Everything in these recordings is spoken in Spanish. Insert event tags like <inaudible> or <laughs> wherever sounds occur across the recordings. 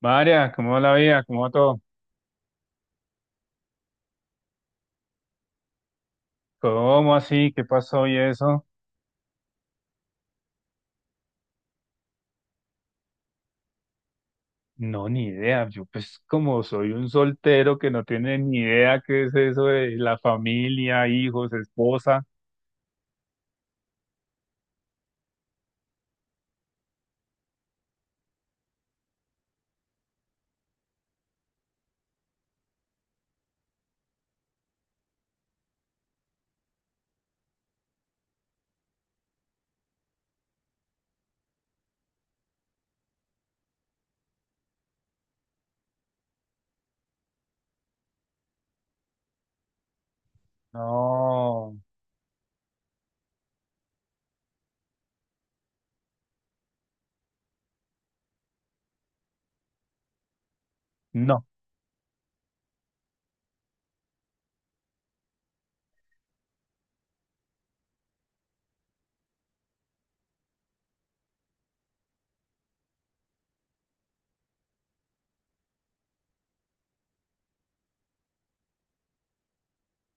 María, ¿cómo va la vida? ¿Cómo va todo? ¿Cómo así? ¿Qué pasó y eso? No, ni idea. Yo pues como soy un soltero que no tiene ni idea qué es eso de la familia, hijos, esposa. No, no,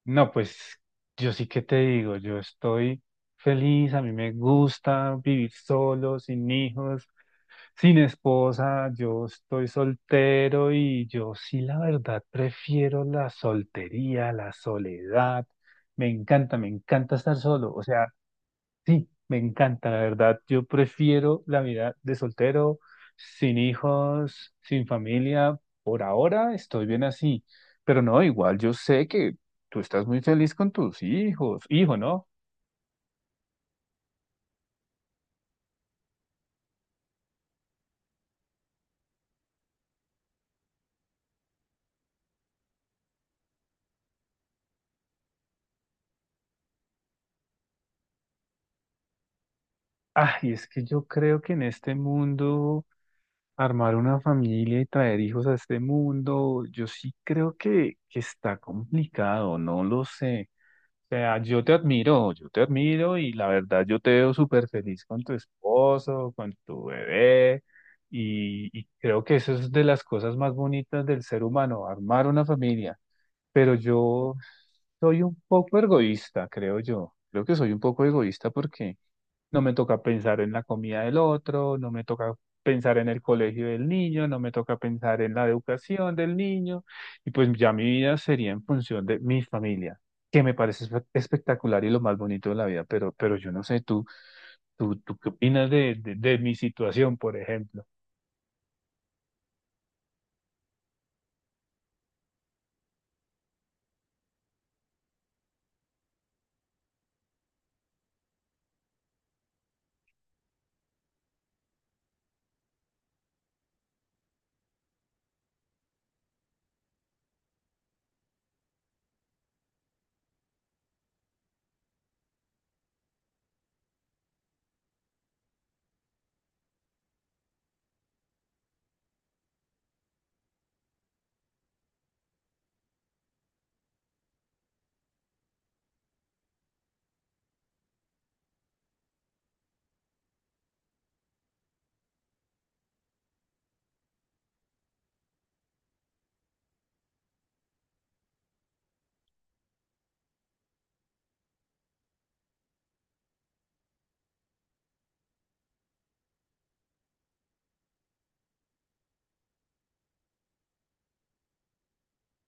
no, pues yo sí que te digo, yo estoy feliz, a mí me gusta vivir solo, sin hijos. Sin esposa, yo estoy soltero y yo sí, la verdad, prefiero la soltería, la soledad. Me encanta estar solo. O sea, sí, me encanta, la verdad. Yo prefiero la vida de soltero, sin hijos, sin familia. Por ahora estoy bien así. Pero no, igual yo sé que tú estás muy feliz con tus hijos. Hijo, ¿no? Ay, es que yo creo que en este mundo... Armar una familia y traer hijos a este mundo, yo sí creo que está complicado, no lo sé. O sea, yo te admiro y la verdad yo te veo súper feliz con tu esposo, con tu bebé y creo que eso es de las cosas más bonitas del ser humano, armar una familia. Pero yo soy un poco egoísta, creo yo. Creo que soy un poco egoísta porque... No me toca pensar en la comida del otro, no me toca pensar en el colegio del niño, no me toca pensar en la educación del niño, y pues ya mi vida sería en función de mi familia, que me parece espectacular y lo más bonito de la vida, pero yo no sé, tú qué opinas de mi situación, por ejemplo.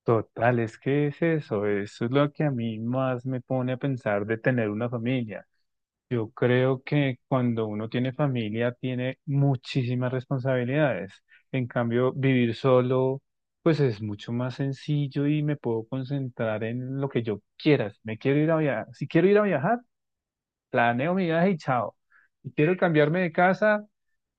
Total, es que es eso, eso es lo que a mí más me pone a pensar de tener una familia. Yo creo que cuando uno tiene familia tiene muchísimas responsabilidades. En cambio, vivir solo, pues es mucho más sencillo y me puedo concentrar en lo que yo quiera. Si me quiero ir a viajar, si quiero ir a viajar, planeo mi viaje y chao. Si quiero cambiarme de casa,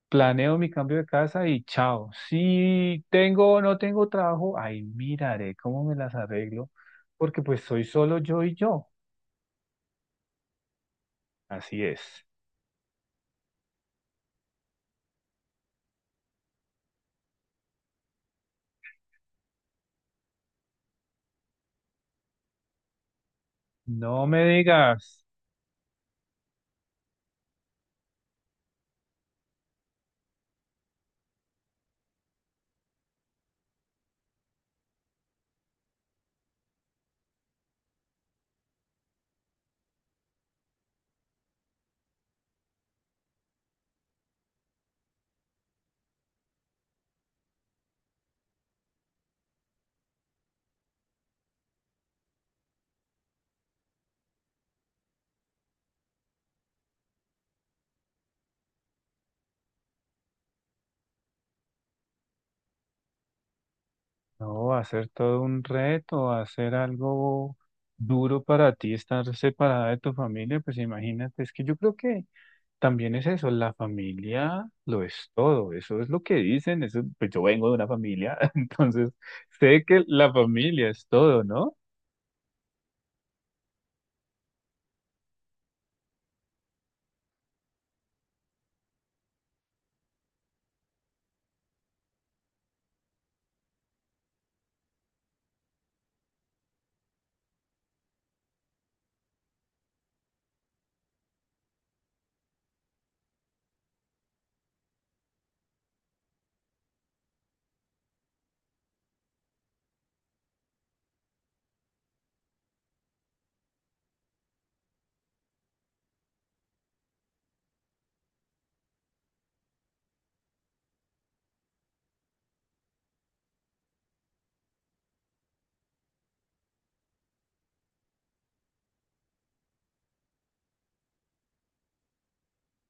planeo mi cambio de casa y chao. Si tengo o no tengo trabajo, ahí miraré cómo me las arreglo, porque pues soy solo yo y yo. Así es. No me digas. No, hacer todo un reto, hacer algo duro para ti, estar separada de tu familia, pues imagínate, es que yo creo que también es eso, la familia lo es todo, eso es lo que dicen, eso, pues yo vengo de una familia, <laughs> entonces sé que la familia es todo, ¿no?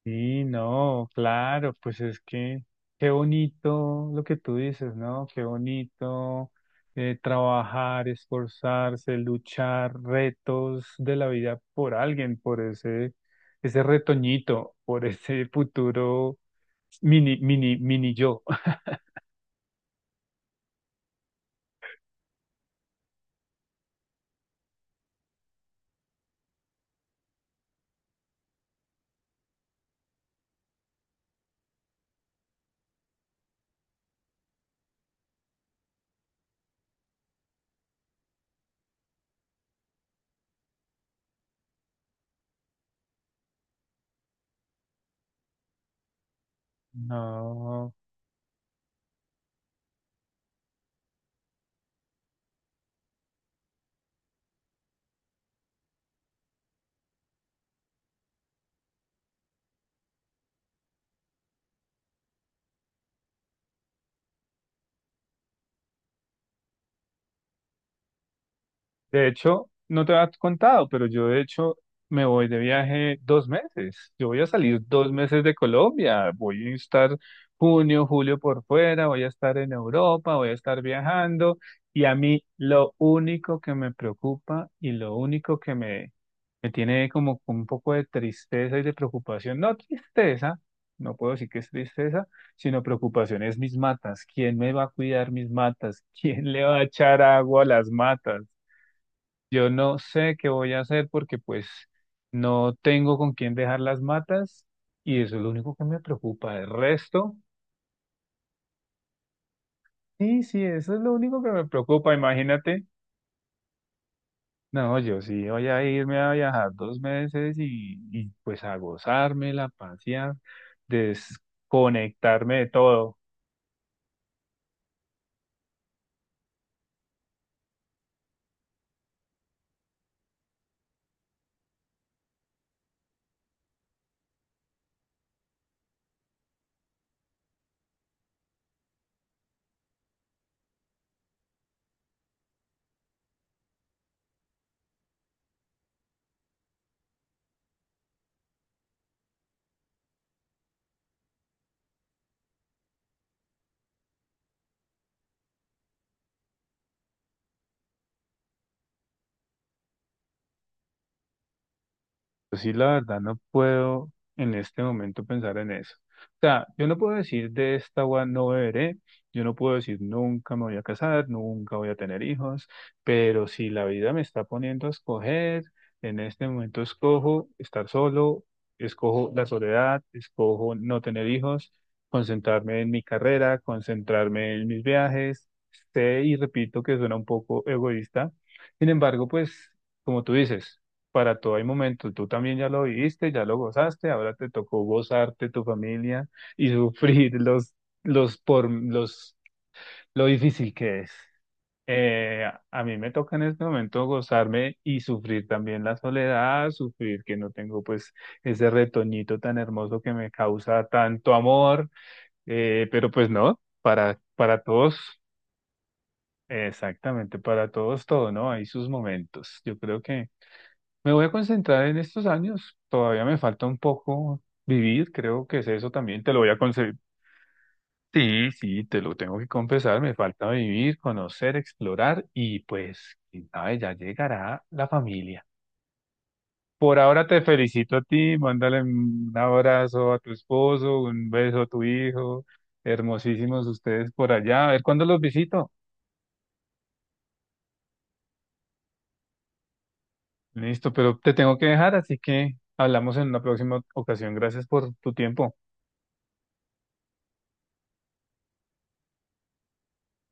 Sí, no, claro, pues es que qué bonito lo que tú dices, ¿no? Qué bonito trabajar, esforzarse, luchar, retos de la vida por alguien, por ese, ese retoñito, por ese futuro mini, mini, mini yo. <laughs> No. De hecho, no te había contado, pero yo de hecho me voy de viaje dos meses. Yo voy a salir dos meses de Colombia. Voy a estar junio, julio por fuera, voy a estar en Europa, voy a estar viajando. Y a mí lo único que me preocupa y lo único que me tiene como con un poco de tristeza y de preocupación, no tristeza, no puedo decir que es tristeza, sino preocupación es mis matas. ¿Quién me va a cuidar mis matas? <laughs> ¿Quién le va a echar agua a las matas? Yo no sé qué voy a hacer porque pues no tengo con quién dejar las matas y eso es lo único que me preocupa. El resto, sí, sí, eso es lo único que me preocupa, imagínate. No, yo sí voy a irme a viajar dos meses y pues a gozármela, a pasear, desconectarme de todo. Yo sí, la verdad, no puedo en este momento pensar en eso. O sea, yo no puedo decir de esta agua no beberé, yo no puedo decir nunca me voy a casar, nunca voy a tener hijos, pero si la vida me está poniendo a escoger, en este momento escojo estar solo, escojo la soledad, escojo no tener hijos, concentrarme en mi carrera, concentrarme en mis viajes. Sé y repito que suena un poco egoísta, sin embargo, pues como tú dices para todo hay momento. Tú también ya lo viviste, ya lo gozaste, ahora te tocó gozarte tu familia y sufrir los por los lo difícil que es. Eh, a mí me toca en este momento gozarme y sufrir también la soledad, sufrir que no tengo pues ese retoñito tan hermoso que me causa tanto amor, pero pues no, para todos, exactamente, para todos todo, ¿no? Hay sus momentos. Yo creo que me voy a concentrar en estos años. Todavía me falta un poco vivir, creo que es eso también. Te lo voy a conceder. Sí, sí, te lo tengo que confesar. Me falta vivir, conocer, explorar y pues, quién sabe, ya llegará la familia. Por ahora te felicito a ti. Mándale un abrazo a tu esposo, un beso a tu hijo. Hermosísimos ustedes por allá. A ver cuándo los visito. Listo, pero te tengo que dejar, así que hablamos en una próxima ocasión. Gracias por tu tiempo.